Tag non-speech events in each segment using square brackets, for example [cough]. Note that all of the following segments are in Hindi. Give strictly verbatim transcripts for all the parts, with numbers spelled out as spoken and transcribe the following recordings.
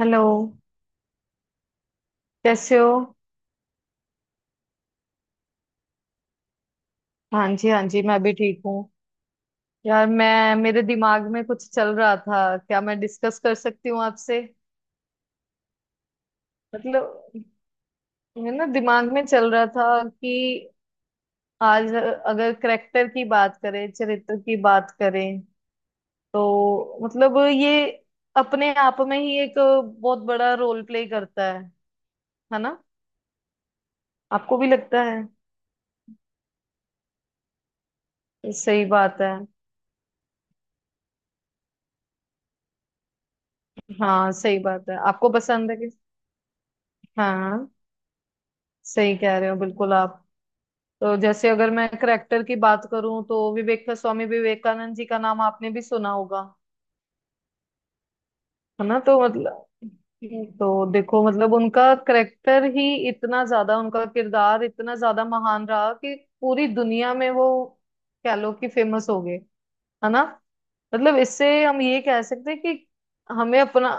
हेलो। कैसे हो? हाँ जी, हाँ जी, मैं भी ठीक हूँ। यार, मैं मेरे दिमाग में कुछ चल रहा था, क्या मैं डिस्कस कर सकती हूँ आपसे? मतलब, है ना, दिमाग में चल रहा था कि आज अगर करेक्टर की बात करें, चरित्र की बात करें, तो मतलब ये अपने आप में ही एक बहुत बड़ा रोल प्ले करता है है ना? आपको भी लगता है? सही बात है। हाँ, सही बात है। आपको पसंद है कि हाँ, सही कह रहे हो बिल्कुल आप। तो जैसे अगर मैं करेक्टर की बात करूं तो विवेक स्वामी विवेकानंद जी का नाम आपने भी सुना होगा, है ना? तो मतलब, तो देखो, मतलब उनका करेक्टर ही इतना ज्यादा, उनका किरदार इतना ज्यादा महान रहा कि पूरी दुनिया में वो, कह लो कि, फेमस हो गए, है ना? मतलब इससे हम ये कह सकते हैं कि हमें अपना,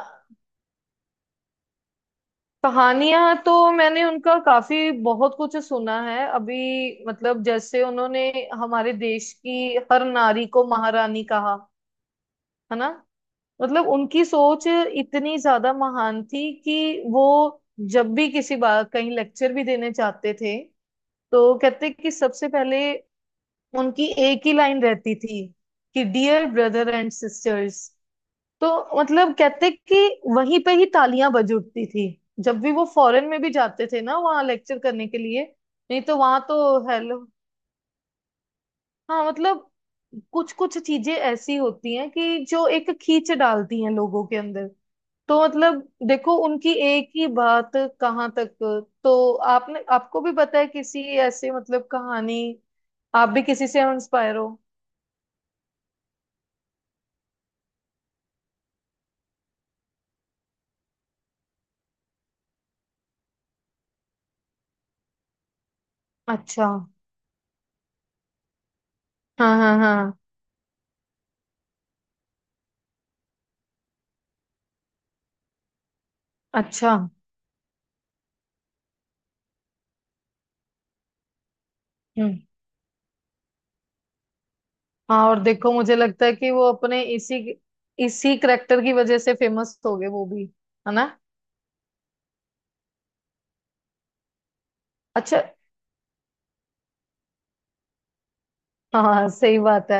कहानियां तो मैंने उनका काफी बहुत कुछ सुना है अभी, मतलब जैसे उन्होंने हमारे देश की हर नारी को महारानी कहा, है ना? मतलब उनकी सोच इतनी ज्यादा महान थी कि वो जब भी किसी बात कहीं लेक्चर भी देने चाहते थे, तो कहते कि सबसे पहले, उनकी एक ही लाइन रहती थी कि डियर ब्रदर एंड सिस्टर्स। तो मतलब कहते कि वहीं पे ही तालियां बज उठती थी, जब भी वो फॉरेन में भी जाते थे ना वहाँ लेक्चर करने के लिए। नहीं, तो वहां तो, हेलो। हाँ, मतलब कुछ कुछ चीजें ऐसी होती हैं कि जो एक खींच डालती हैं लोगों के अंदर। तो मतलब, देखो, उनकी एक ही बात कहाँ तक, तो आपने, आपको भी पता है किसी ऐसे, मतलब कहानी, आप भी किसी से इंस्पायर हो? अच्छा। हाँ हाँ हाँ। अच्छा। हम्म। हाँ, और देखो, मुझे लगता है कि वो अपने इसी इसी करेक्टर की वजह से फेमस हो गए वो भी, है ना? अच्छा। हाँ, सही बात है।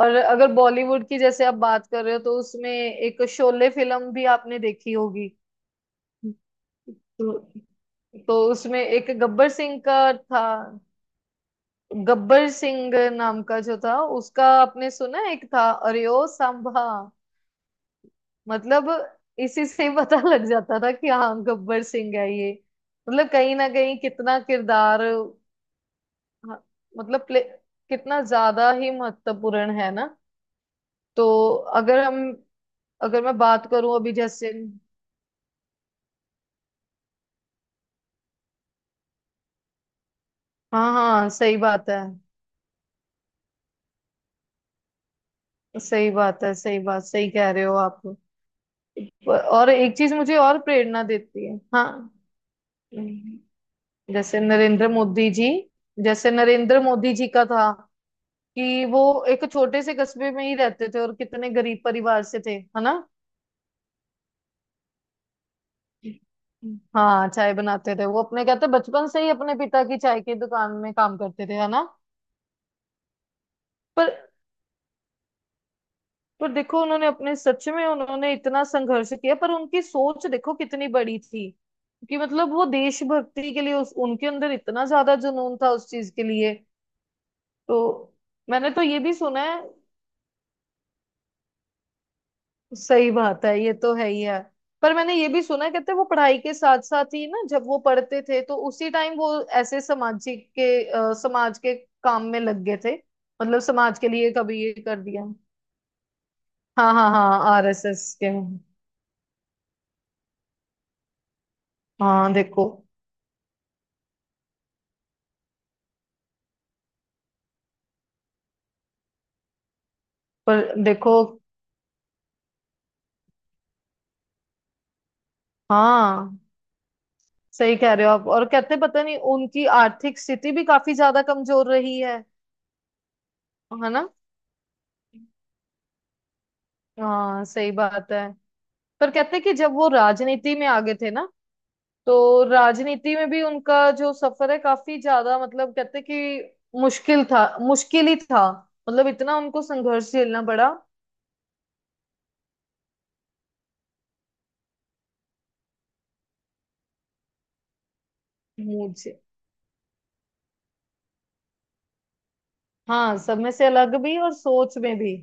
और अगर बॉलीवुड की जैसे आप बात कर रहे हो, तो उसमें एक शोले फिल्म भी आपने देखी होगी। तो तो उसमें एक गब्बर सिंह का था। गब्बर सिंह नाम का जो था, उसका आपने सुना है? एक था, अरे ओ सांभा। मतलब इसी से ही पता लग जाता था कि हाँ गब्बर सिंह है ये। मतलब कहीं ना कहीं कितना किरदार, हाँ, मतलब प्ले, कितना ज्यादा ही महत्वपूर्ण, है ना? तो अगर हम अगर मैं बात करूं, अभी जैसे, हाँ हाँ, सही बात है, सही बात है, सही बात, सही कह रहे हो आप। और एक चीज मुझे और प्रेरणा देती है, हाँ, जैसे नरेंद्र मोदी जी जैसे नरेंद्र मोदी जी का था कि वो एक छोटे से कस्बे में ही रहते थे और कितने गरीब परिवार से थे, है ना? हाँ, चाय बनाते थे वो, अपने कहते बचपन से ही अपने पिता की चाय की दुकान में काम करते थे, है ना? पर पर देखो, उन्होंने अपने, सच में उन्होंने इतना संघर्ष किया, पर उनकी सोच देखो कितनी बड़ी थी कि मतलब वो देशभक्ति के लिए, उस उनके अंदर इतना ज्यादा जुनून था उस चीज के लिए। तो मैंने तो ये भी सुना है, सही बात है, ये तो है ही है, पर मैंने ये भी सुना है, कहते हैं वो पढ़ाई के साथ साथ ही ना, जब वो पढ़ते थे तो उसी टाइम वो ऐसे सामाजिक के, अ, समाज के काम में लग गए थे। मतलब समाज के लिए कभी ये कर दिया, हाँ हाँ हाँ, आरएसएस के। हाँ देखो, पर देखो, हाँ सही कह रहे हो आप। और कहते हैं, पता नहीं, उनकी आर्थिक स्थिति भी काफी ज्यादा कमजोर रही है है ना? हाँ, सही बात है। पर कहते हैं कि जब वो राजनीति में आगे थे ना, तो राजनीति में भी उनका जो सफर है काफी ज्यादा, मतलब कहते हैं कि मुश्किल था, मुश्किल ही था, मतलब इतना उनको संघर्ष झेलना पड़ा। मुझे, हाँ, सब में से अलग भी और सोच में भी।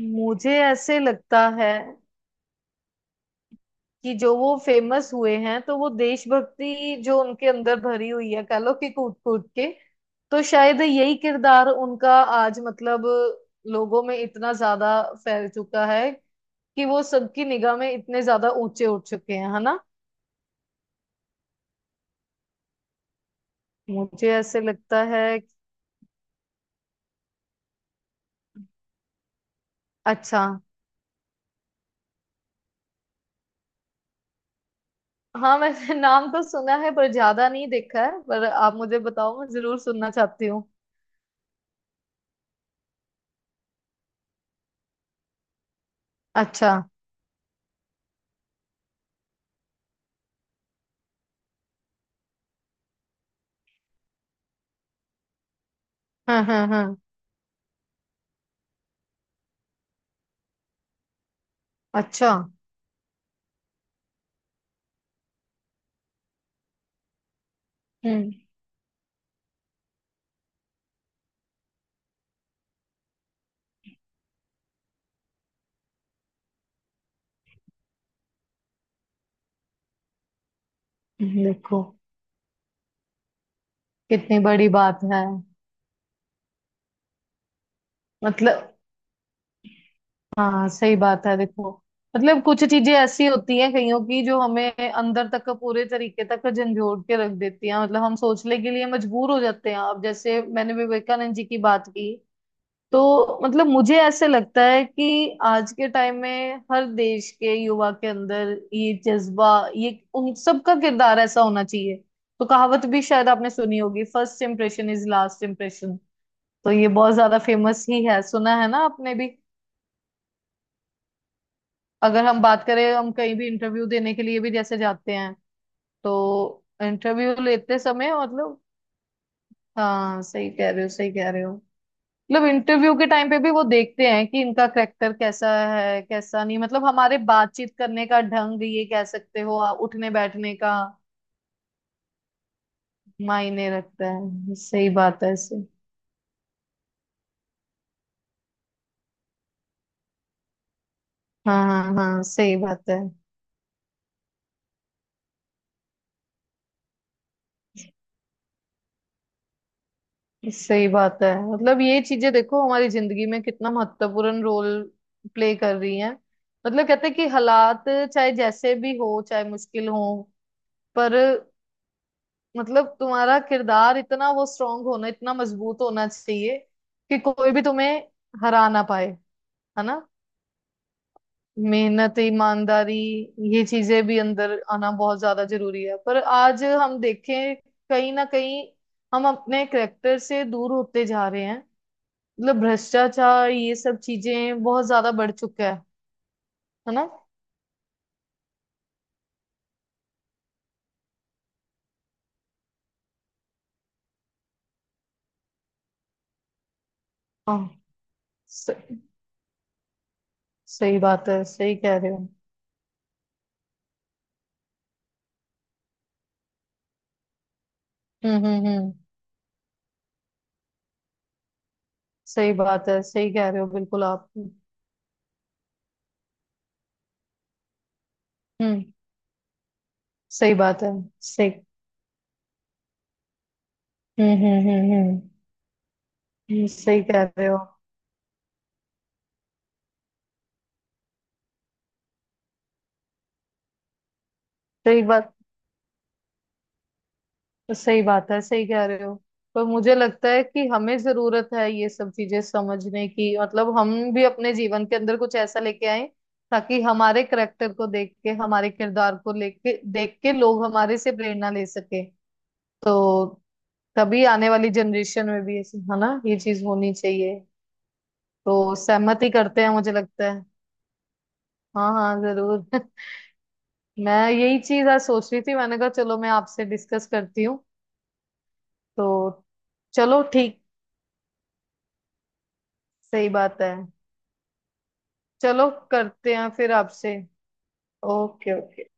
मुझे ऐसे लगता है कि जो वो फेमस हुए हैं, तो वो देशभक्ति जो उनके अंदर भरी हुई है कह लो कि कूट कूट के, तो शायद यही किरदार उनका आज मतलब लोगों में इतना ज्यादा फैल चुका है कि वो सबकी निगाह में इतने ज्यादा ऊंचे उठ चुके हैं, है ना? मुझे ऐसे लगता है। अच्छा। हाँ, मैंने नाम तो सुना है पर ज्यादा नहीं देखा है, पर आप मुझे बताओ, मैं जरूर सुनना चाहती हूँ। अच्छा। हाँ हाँ हाँ। अच्छा। हम्म। देखो, कितनी बड़ी बात है। मतलब, हाँ सही बात है, देखो, मतलब कुछ चीजें ऐसी होती हैं कईयों की, जो हमें अंदर तक पूरे तरीके तक झंझोड़ के रख देती हैं। मतलब हम सोचने के लिए मजबूर हो जाते हैं। अब जैसे मैंने विवेकानंद जी की बात की, तो मतलब मुझे ऐसे लगता है कि आज के टाइम में हर देश के युवा के अंदर ये जज्बा, ये उन सबका किरदार ऐसा होना चाहिए। तो कहावत भी शायद आपने सुनी होगी, first impression is last impression. तो ये बहुत ज्यादा फेमस ही है, सुना है ना आपने भी? अगर हम बात करें, हम कहीं भी इंटरव्यू देने के लिए भी जैसे जाते हैं तो इंटरव्यू लेते समय, मतलब, हाँ सही कह रहे हो, सही कह रहे हो। मतलब इंटरव्यू के टाइम पे भी वो देखते हैं कि इनका करेक्टर कैसा है, कैसा नहीं, मतलब हमारे बातचीत करने का ढंग, ये कह सकते हो, आ- उठने बैठने का मायने रखता है, सही बात है, सही, हाँ हाँ हाँ, सही बात है, सही बात है। मतलब ये चीजें देखो हमारी जिंदगी में कितना महत्वपूर्ण रोल प्ले कर रही हैं। मतलब कहते हैं कि हालात चाहे जैसे भी हो, चाहे मुश्किल हो, पर मतलब तुम्हारा किरदार इतना वो स्ट्रांग होना, इतना मजबूत होना चाहिए कि कोई भी तुम्हें हरा ना पाए, है ना? मेहनत, ईमानदारी, ये चीजें भी अंदर आना बहुत ज्यादा जरूरी है। पर आज हम देखें, कहीं ना कहीं हम अपने करेक्टर से दूर होते जा रहे हैं। मतलब भ्रष्टाचार, ये सब चीजें बहुत ज्यादा बढ़ चुका है है ना? हाँ, स, सही बात है, सही कह रहे हो। हम्म हम्म हम्म। सही बात है, सही कह रहे हो बिल्कुल आप। हम्म। सही बात है, सही। हम्म हम्म हम्म हम्म। हम्म, सही कह रहे हो। सही बात, तो सही बात है, सही कह रहे हो। पर मुझे लगता है कि हमें जरूरत है ये सब चीजें समझने की। मतलब हम भी अपने जीवन के अंदर कुछ ऐसा लेके आए, ताकि हमारे करेक्टर को देख के, हमारे किरदार को लेके देख के, लोग हमारे से प्रेरणा ले सके। तो तभी आने वाली जनरेशन में भी ऐसे, है ना, ये चीज होनी चाहिए। तो सहमति करते हैं, मुझे लगता है। हाँ हाँ जरूर। [laughs] मैं यही चीज आज सोच रही थी, मैंने कहा चलो मैं आपसे डिस्कस करती हूँ। तो चलो ठीक, सही बात है। चलो करते हैं फिर आपसे। Okay okay.